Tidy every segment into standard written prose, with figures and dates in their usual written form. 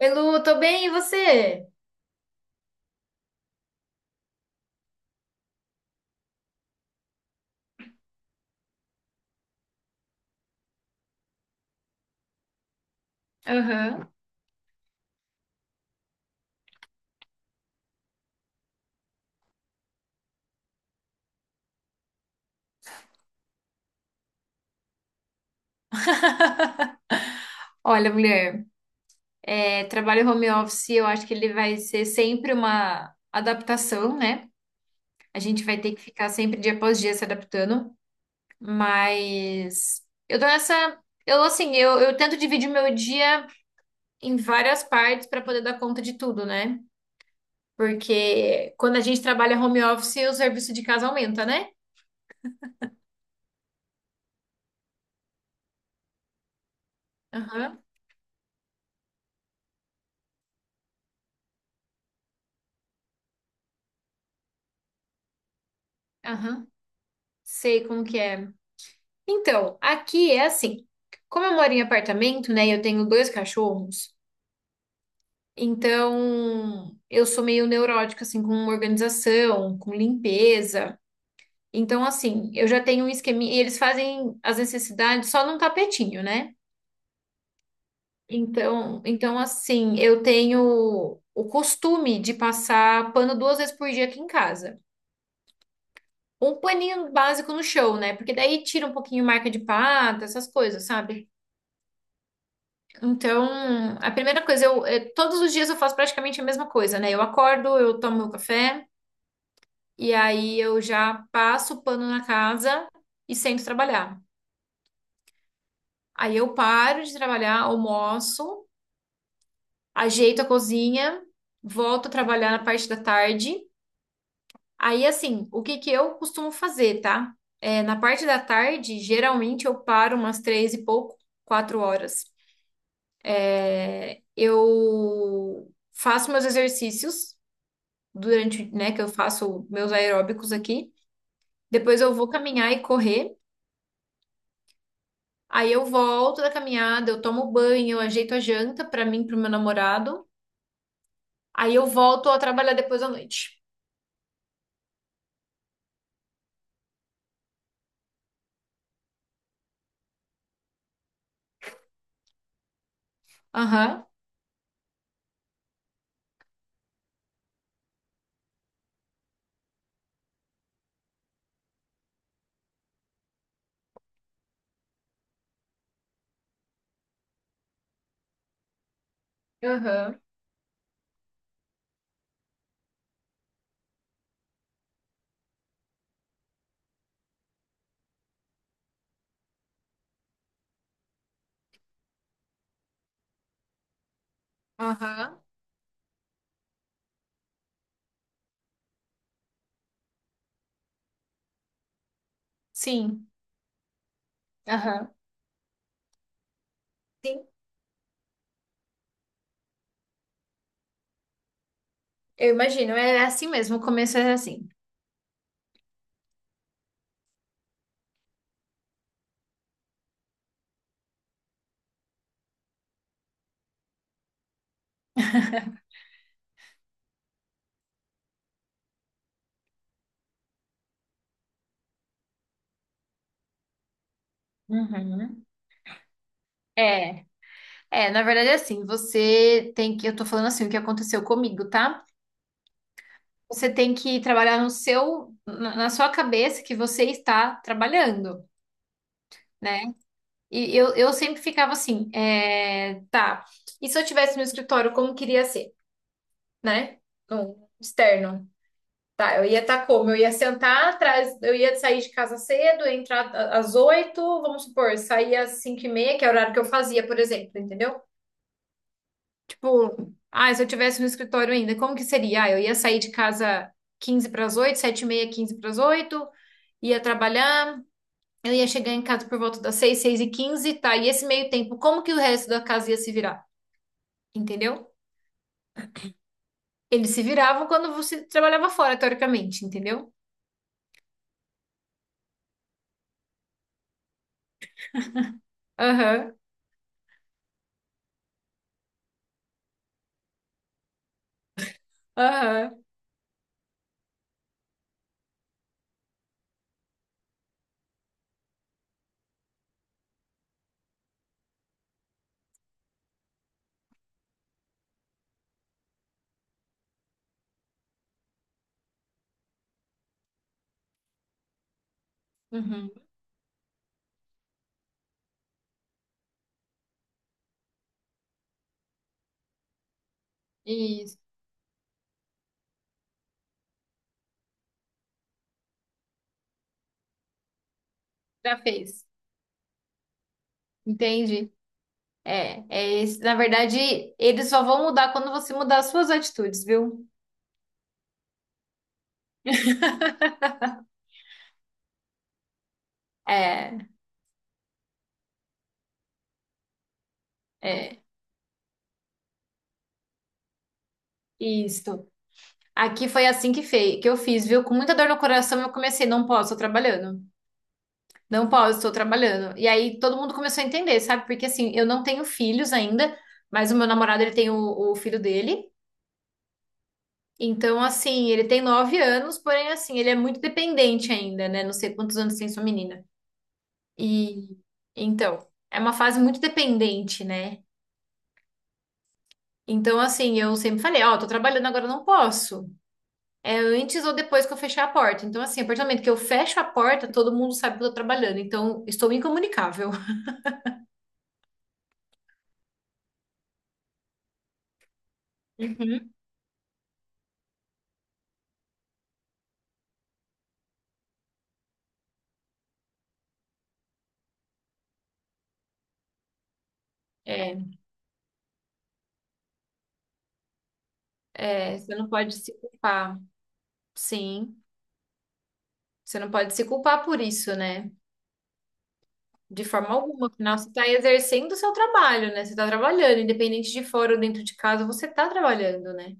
Oi, Lu, tô bem, e você? Aham. Olha, mulher, é, trabalho home office, eu acho que ele vai ser sempre uma adaptação, né? A gente vai ter que ficar sempre dia após dia se adaptando, mas eu tô nessa. Eu, assim, eu tento dividir meu dia em várias partes para poder dar conta de tudo, né? Porque quando a gente trabalha home office, o serviço de casa aumenta, né? Aham, aham. Sei como que é. Então, aqui é assim. Como eu moro em apartamento, né, e eu tenho dois cachorros, então eu sou meio neurótica assim com organização, com limpeza. Então, assim, eu já tenho um esqueminha e eles fazem as necessidades só num tapetinho, né? Então assim, eu tenho o costume de passar pano duas vezes por dia aqui em casa. Um paninho básico no chão, né? Porque daí tira um pouquinho marca de pata, essas coisas, sabe? Então, a primeira coisa, eu, eh, todos os dias eu faço praticamente a mesma coisa, né? Eu acordo, eu tomo meu café, e aí eu já passo o pano na casa e sento trabalhar. Aí eu paro de trabalhar, almoço, ajeito a cozinha, volto a trabalhar na parte da tarde. Aí, assim, o que que eu costumo fazer, tá? É, na parte da tarde, geralmente eu paro umas três e pouco, quatro horas. Eu faço meus exercícios, durante, né, que eu faço meus aeróbicos aqui. Depois eu vou caminhar e correr. Aí eu volto da caminhada, eu tomo banho, eu ajeito a janta pra mim, e pro meu namorado. Aí eu volto a trabalhar depois à noite. Aham, aham, aham. Sim, aham. Sim, eu imagino. É assim mesmo, o começo é assim. Uhum. É, é, na verdade é assim, você tem que, eu tô falando assim, o que aconteceu comigo, tá? Você tem que trabalhar no seu, na sua cabeça que você está trabalhando. Né? E eu sempre ficava assim, é, tá, e se eu tivesse no escritório, como queria ser, né? No externo. Tá, eu ia estar como? Eu ia sentar atrás, eu ia sair de casa cedo, ia entrar às 8h, vamos supor, sair às 5h30, que é o horário que eu fazia, por exemplo, entendeu? Tipo, ah, se eu tivesse no escritório ainda, como que seria? Ah, eu ia sair de casa 7h45, 7h30, 7h45, ia trabalhar, eu ia chegar em casa por volta das 6h, 6h15, tá? E esse meio tempo, como que o resto da casa ia se virar? Entendeu? Eles se viravam quando você trabalhava fora, teoricamente, entendeu? Aham, aham, uhum. Isso, já fez. Entende? É, é esse. Na verdade, eles só vão mudar quando você mudar as suas atitudes, viu? É, é, isso. Aqui foi assim que, que eu fiz, viu? Com muita dor no coração, eu comecei, não posso, tô trabalhando. Não posso, estou trabalhando. E aí todo mundo começou a entender, sabe? Porque assim, eu não tenho filhos ainda, mas o meu namorado, ele tem o filho dele. Então, assim, ele tem 9 anos, porém, assim, ele é muito dependente ainda, né? Não sei quantos anos tem sua menina. E, então, é uma fase muito dependente, né? Então, assim, eu sempre falei, ó, tô trabalhando agora, eu não posso. É antes ou depois que eu fechar a porta. Então, assim, a partir do momento que eu fecho a porta, todo mundo sabe que eu tô trabalhando. Então, estou incomunicável. Uhum. É, é, você não pode se culpar. Sim, você não pode se culpar por isso, né? De forma alguma, afinal, você está exercendo o seu trabalho, né? Você está trabalhando, independente de fora ou dentro de casa, você está trabalhando, né?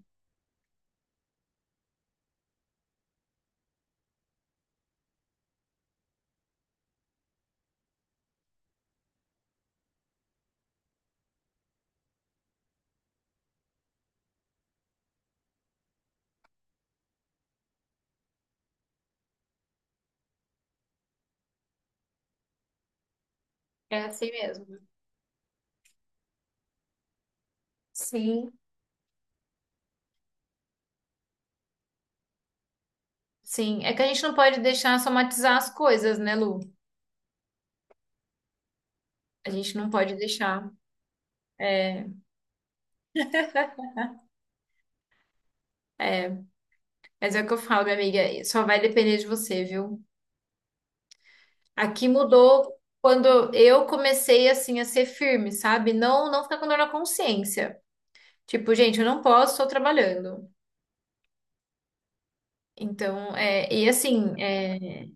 É assim mesmo. Sim, sim. É que a gente não pode deixar somatizar as coisas, né, Lu? A gente não pode deixar. É, é. Mas é o que eu falo, minha amiga, só vai depender de você, viu? Aqui mudou quando eu comecei, assim, a ser firme, sabe? Não, não ficar com dor na consciência. Tipo, gente, eu não posso, estou trabalhando. Então, é, e assim, é,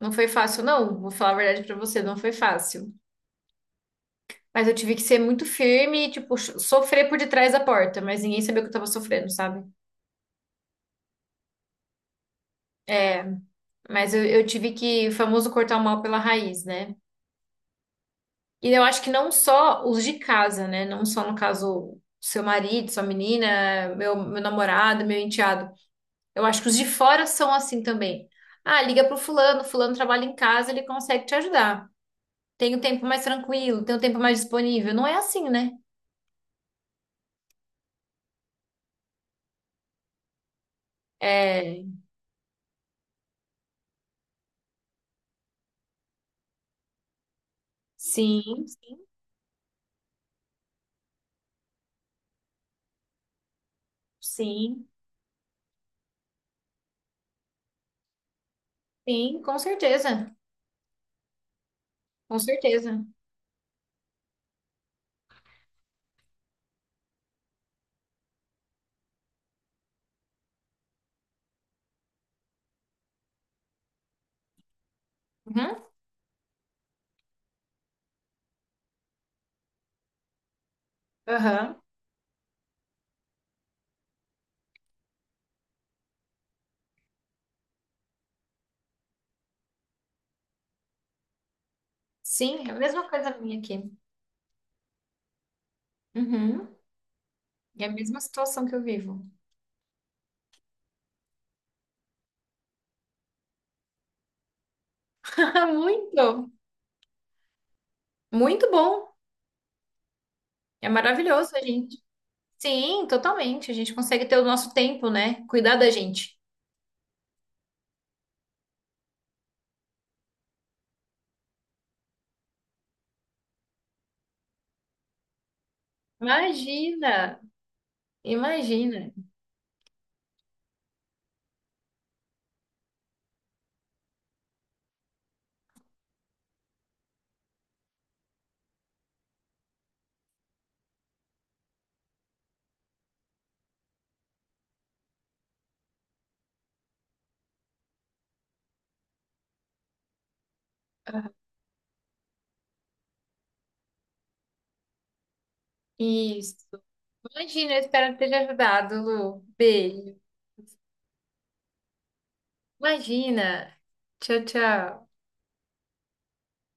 não foi fácil, não. Vou falar a verdade pra você, não foi fácil. Mas eu tive que ser muito firme e, tipo, sofrer por detrás da porta, mas ninguém sabia que eu tava sofrendo, sabe? É, mas eu tive que, o famoso, cortar o mal pela raiz, né? E eu acho que não só os de casa, né? Não só, no caso, seu marido, sua menina, meu namorado, meu enteado. Eu acho que os de fora são assim também. Ah, liga pro fulano, fulano trabalha em casa, ele consegue te ajudar. Tem um tempo mais tranquilo, tem um tempo mais disponível. Não é assim, né? É, sim, sim, sim, sim, com certeza, com certeza. Uhum, aham. Sim, é a mesma coisa minha aqui. Uhum. É a mesma situação que eu vivo. Muito, muito bom. É maravilhoso a gente. Sim, totalmente. A gente consegue ter o nosso tempo, né? Cuidar da gente. Imagina, imagina. Isso. Imagina, eu espero ter te ajudado, Lu. Beijo. Imagina. Tchau, tchau.